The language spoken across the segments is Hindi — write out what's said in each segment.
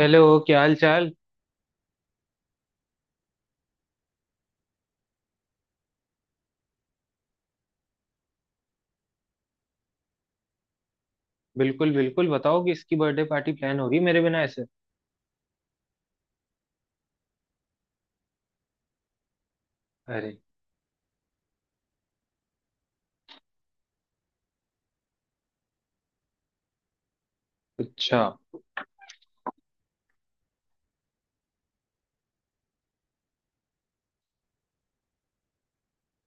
हेलो, क्या हाल चाल। बिल्कुल बिल्कुल बताओ कि इसकी बर्थडे पार्टी प्लान होगी मेरे बिना ऐसे। अरे, अच्छा,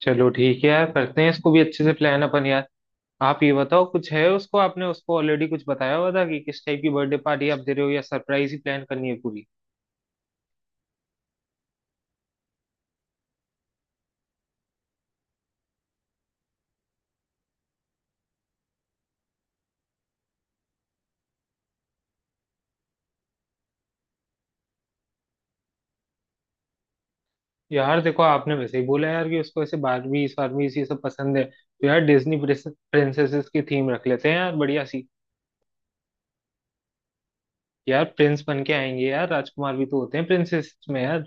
चलो ठीक है यार, करते हैं इसको भी अच्छे से प्लान अपन यार। आप ये बताओ, कुछ है उसको, आपने उसको ऑलरेडी कुछ बताया हुआ था कि किस टाइप की बर्थडे पार्टी आप दे रहे हो या सरप्राइज ही प्लान करनी है पूरी। यार देखो, आपने वैसे ही बोला यार कि उसको ऐसे बारबीज फारबीज ये सब पसंद है, तो यार डिज्नी प्रिंसेसेस की थीम रख लेते हैं यार बढ़िया सी। यार प्रिंस बन के आएंगे यार, राजकुमार भी तो होते हैं प्रिंसेस में यार।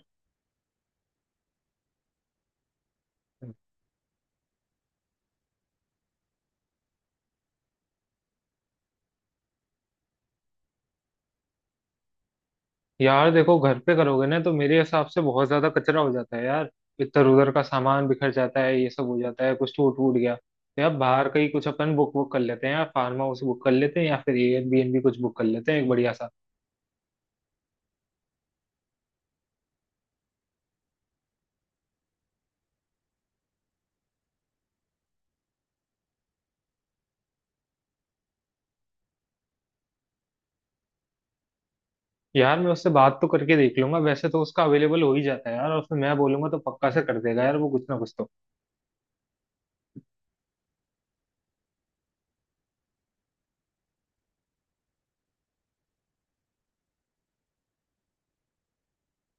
यार देखो, घर पे करोगे ना तो मेरे हिसाब से बहुत ज्यादा कचरा हो जाता है यार। इधर उधर का सामान बिखर जाता है, ये सब हो जाता है, कुछ टूट वूट गया तो। यार बाहर कहीं कुछ अपन बुक वुक कर लेते हैं यार, फार्म हाउस बुक कर लेते हैं या फिर एयरबीएनबी कुछ बुक कर लेते हैं एक बढ़िया सा। यार मैं उससे बात तो करके देख लूंगा, वैसे तो उसका अवेलेबल हो ही जाता है यार, और फिर मैं बोलूंगा तो पक्का से कर देगा यार, वो कुछ ना कुछ तो।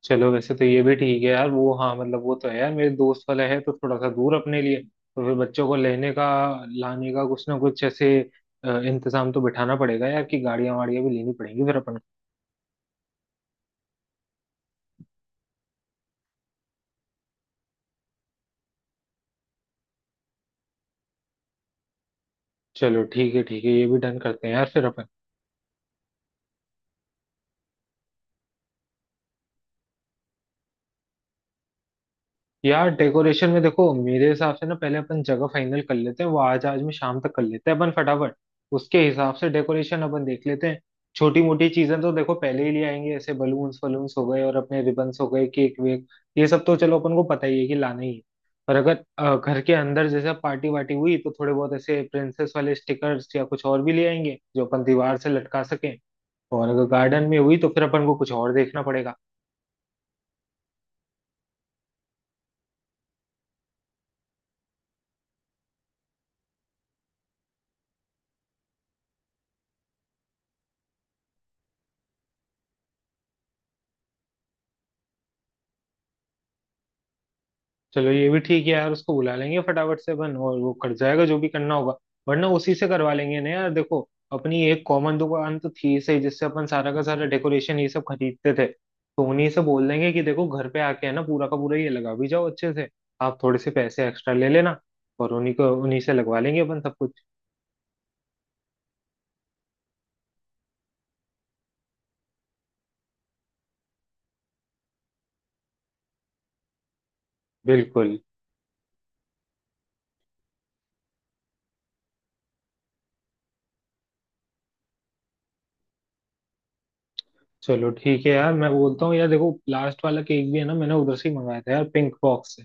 चलो वैसे तो ये भी ठीक है यार, वो हाँ मतलब वो तो है यार मेरे दोस्त वाला है तो थोड़ा सा दूर अपने लिए, तो फिर बच्चों को लेने का लाने का कुछ ना कुछ ऐसे इंतजाम तो बिठाना पड़ेगा यार, कि गाड़ियां वाड़ियां भी लेनी पड़ेंगी फिर अपन को। चलो ठीक है ठीक है, ये भी डन करते हैं यार फिर अपन। यार डेकोरेशन में देखो, मेरे हिसाब से ना पहले अपन जगह फाइनल कर लेते हैं, वो आज आज में शाम तक कर लेते हैं अपन फटाफट। उसके हिसाब से डेकोरेशन अपन देख लेते हैं। छोटी मोटी चीजें तो देखो पहले ही ले आएंगे, ऐसे बलून्स वलून्स हो गए और अपने रिबन्स हो गए, केक वेक, ये सब तो चलो अपन को पता ही है कि लाना ही है। पर अगर घर के अंदर जैसे पार्टी वार्टी हुई तो थोड़े बहुत ऐसे प्रिंसेस वाले स्टिकर्स या कुछ और भी ले आएंगे जो अपन दीवार से लटका सकें। और अगर गार्डन में हुई तो फिर अपन को कुछ और देखना पड़ेगा। चलो ये भी ठीक है यार, उसको बुला लेंगे फटाफट से अपन और वो कर जाएगा जो भी करना होगा। वरना उसी से करवा लेंगे ना यार, देखो अपनी एक कॉमन दुकान तो थी सही जिससे अपन सारा का सारा डेकोरेशन ये सब खरीदते थे, तो उन्हीं से बोल देंगे कि देखो घर पे आके है ना पूरा का पूरा ये लगा भी जाओ अच्छे से। आप थोड़े से पैसे एक्स्ट्रा ले लेना, और उन्हीं को उन्हीं से लगवा लेंगे अपन सब कुछ। बिल्कुल। चलो ठीक है यार, मैं बोलता हूँ यार, देखो लास्ट वाला केक भी है ना मैंने उधर से ही मंगाया था यार, पिंक बॉक्स से,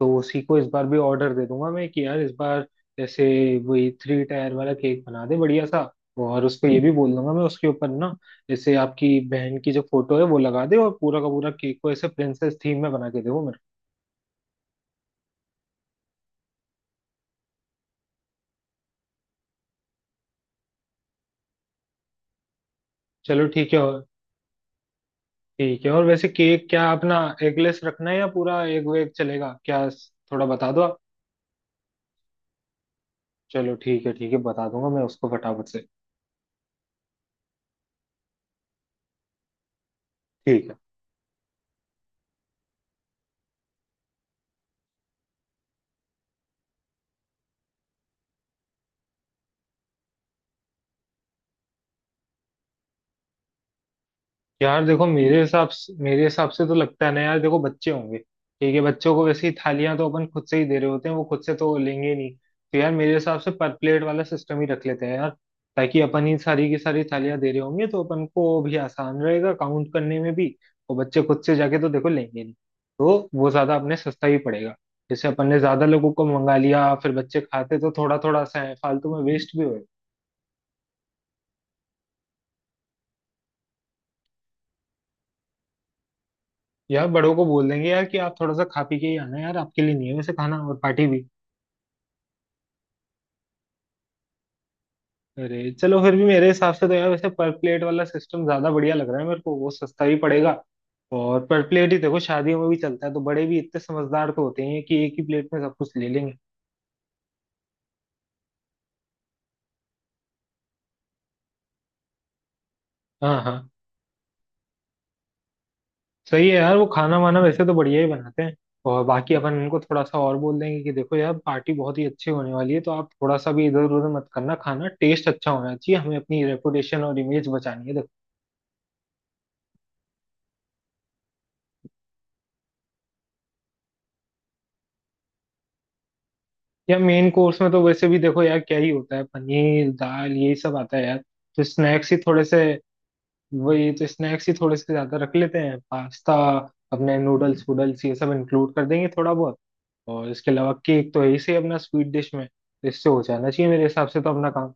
तो उसी को इस बार भी ऑर्डर दे दूंगा मैं कि यार इस बार जैसे वही थ्री टायर वाला केक बना दे बढ़िया सा। और उसको ये भी बोल दूंगा मैं उसके ऊपर ना जैसे आपकी बहन की जो फोटो है वो लगा दे, और पूरा का पूरा केक को ऐसे प्रिंसेस थीम में बना के दे वो मेरे को। चलो ठीक है, और ठीक है, और वैसे केक क्या अपना एगलेस रखना है या पूरा एग वेग चलेगा क्या? थोड़ा बता दो आप। चलो ठीक है ठीक है, बता दूंगा मैं उसको फटाफट से। ठीक है। यार देखो, मेरे हिसाब से तो लगता है ना यार, देखो बच्चे होंगे, ठीक है बच्चों को वैसे ही थालियां तो अपन खुद से ही दे रहे होते हैं, वो खुद से तो लेंगे नहीं, तो यार मेरे हिसाब से पर प्लेट वाला सिस्टम ही रख लेते हैं यार, ताकि अपन ही सारी की सारी थालियां दे रहे होंगे तो अपन को भी आसान रहेगा काउंट करने में भी। और बच्चे खुद से जाके तो देखो लेंगे नहीं, तो वो ज्यादा अपने सस्ता ही पड़ेगा। जैसे अपन ने ज्यादा लोगों को मंगा लिया फिर बच्चे खाते तो थोड़ा थोड़ा सा है, फालतू में वेस्ट भी होगा। यार बड़ों को बोल देंगे यार कि आप थोड़ा सा खा पी के ही आना यार, आपके लिए नहीं है वैसे खाना और पार्टी भी। अरे चलो फिर भी मेरे हिसाब से तो यार वैसे पर प्लेट वाला सिस्टम ज्यादा बढ़िया लग रहा है मेरे को, वो सस्ता भी पड़ेगा। और पर प्लेट ही देखो शादियों में भी चलता है तो बड़े भी इतने समझदार तो होते हैं कि एक ही प्लेट में सब कुछ ले लेंगे। हाँ हाँ। सही है यार, वो खाना वाना वैसे तो बढ़िया ही बनाते हैं। और बाकी अपन उनको थोड़ा सा और बोल देंगे कि देखो यार पार्टी बहुत ही अच्छी होने वाली है, तो आप थोड़ा सा भी इधर उधर मत करना, खाना टेस्ट अच्छा होना चाहिए, हमें अपनी रेपुटेशन और इमेज बचानी है। या मेन कोर्स में तो वैसे भी देखो यार क्या ही होता है, पनीर दाल यही सब आता है यार। तो स्नैक्स ही थोड़े से, वही तो स्नैक्स ही थोड़े से ज्यादा रख लेते हैं, पास्ता अपने नूडल्स वूडल्स ये सब इंक्लूड कर देंगे थोड़ा बहुत। और इसके अलावा केक तो यही से अपना स्वीट डिश में तो इससे हो जाना चाहिए मेरे हिसाब से तो अपना काम।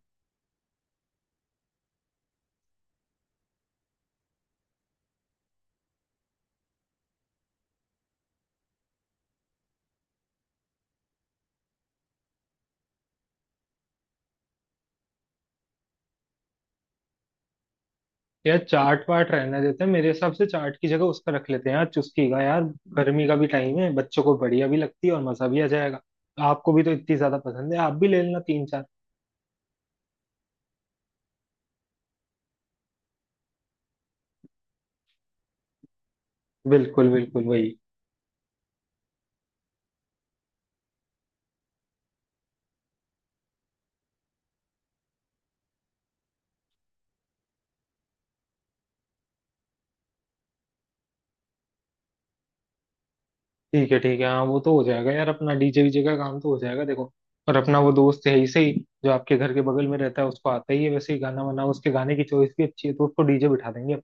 यार चाट वाट रहने देते हैं, मेरे हिसाब से चाट की जगह उसका रख लेते हैं यार, चुस्की का यार। गर्मी का भी टाइम है, बच्चों को बढ़िया भी लगती है और मजा भी आ जाएगा। आपको भी तो इतनी ज्यादा पसंद है, आप भी ले लेना तीन चार। बिल्कुल बिल्कुल वही। ठीक है ठीक है, हाँ वो तो हो जाएगा यार, अपना डीजे वीजे का काम तो हो जाएगा देखो। और अपना वो दोस्त है ही सही, जो आपके घर के बगल में रहता है उसको आता ही है वैसे ही गाना वाना, उसके गाने की चॉइस भी अच्छी है, तो उसको डीजे बिठा देंगे।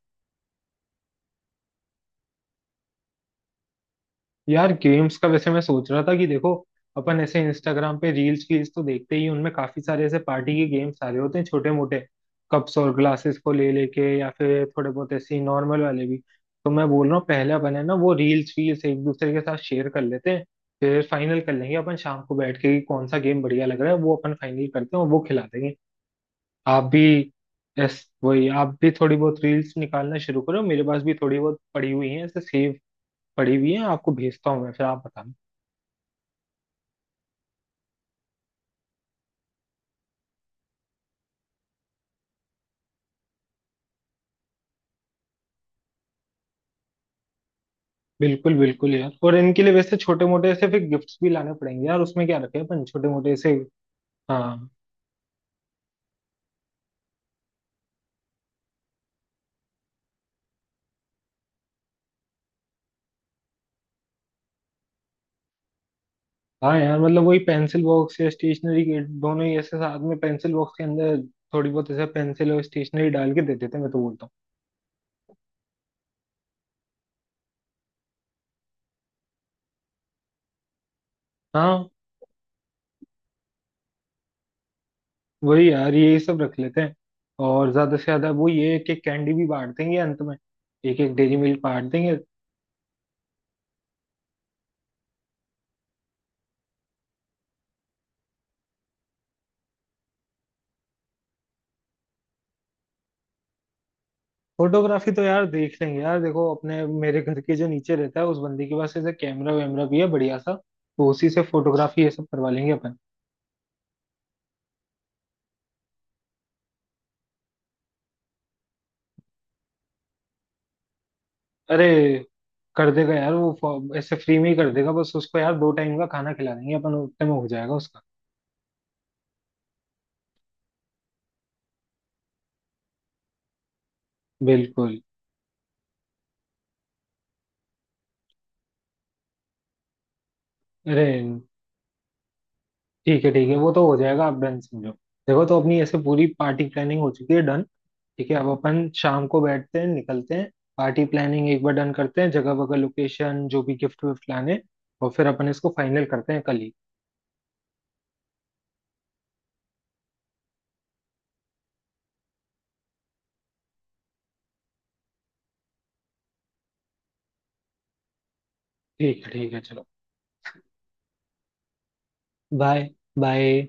यार गेम्स का वैसे मैं सोच रहा था कि देखो अपन ऐसे इंस्टाग्राम पे रील्स वील्स तो देखते ही हैं, उनमें काफी सारे ऐसे पार्टी के गेम्स आ रहे होते हैं छोटे मोटे, कप्स और ग्लासेस को ले लेके या फिर थोड़े बहुत ऐसे नॉर्मल वाले भी। तो मैं बोल रहा हूँ पहले अपन है ना वो रील्स वील्स एक दूसरे के साथ शेयर कर लेते हैं, फिर फाइनल कर लेंगे अपन शाम को बैठ के कि कौन सा गेम बढ़िया लग रहा है, वो अपन फाइनल करते हैं और वो खिला देंगे। आप भी। यस। वही आप भी थोड़ी बहुत रील्स निकालना शुरू करो, मेरे पास भी थोड़ी बहुत पड़ी हुई है ऐसे सेव पड़ी हुई है, आपको भेजता हूँ मैं फिर आप बताना। बिल्कुल बिल्कुल यार, और इनके लिए वैसे छोटे मोटे ऐसे फिर गिफ्ट्स भी लाने पड़ेंगे यार, उसमें क्या रखे अपन छोटे मोटे ऐसे। हाँ। हाँ यार, मतलब वही पेंसिल बॉक्स या स्टेशनरी किट दोनों ही ऐसे साथ में पेंसिल बॉक्स के अंदर थोड़ी बहुत ऐसे पेंसिल और स्टेशनरी डाल के दे देते हैं, मैं तो बोलता हूँ। हाँ वही यार ये सब रख लेते हैं। और ज्यादा से ज्यादा वो ये एक एक कैंडी भी बांट देंगे अंत में, एक एक डेरी मिल्क बांट देंगे। फोटोग्राफी तो यार देख लेंगे यार, देखो अपने मेरे घर के जो नीचे रहता है उस बंदी के पास ऐसे कैमरा वैमरा भी है बढ़िया सा, तो उसी से फोटोग्राफी ये सब करवा लेंगे अपन। अरे कर देगा यार वो, ऐसे फ्री में ही कर देगा, बस उसको यार दो टाइम का खाना खिला देंगे अपन, उतने में हो जाएगा उसका। बिल्कुल। अरे ठीक है ठीक है, वो तो हो जाएगा, आप डन समझो। देखो तो अपनी ऐसे पूरी पार्टी प्लानिंग हो चुकी है डन। ठीक है, अब अपन शाम को बैठते हैं निकलते हैं, पार्टी प्लानिंग एक बार डन करते हैं, जगह वगह लोकेशन जो भी, गिफ्ट विफ्ट लाने, और फिर अपन इसको फाइनल करते हैं कल ही। ठीक है ठीक है, चलो। बाय। बाय।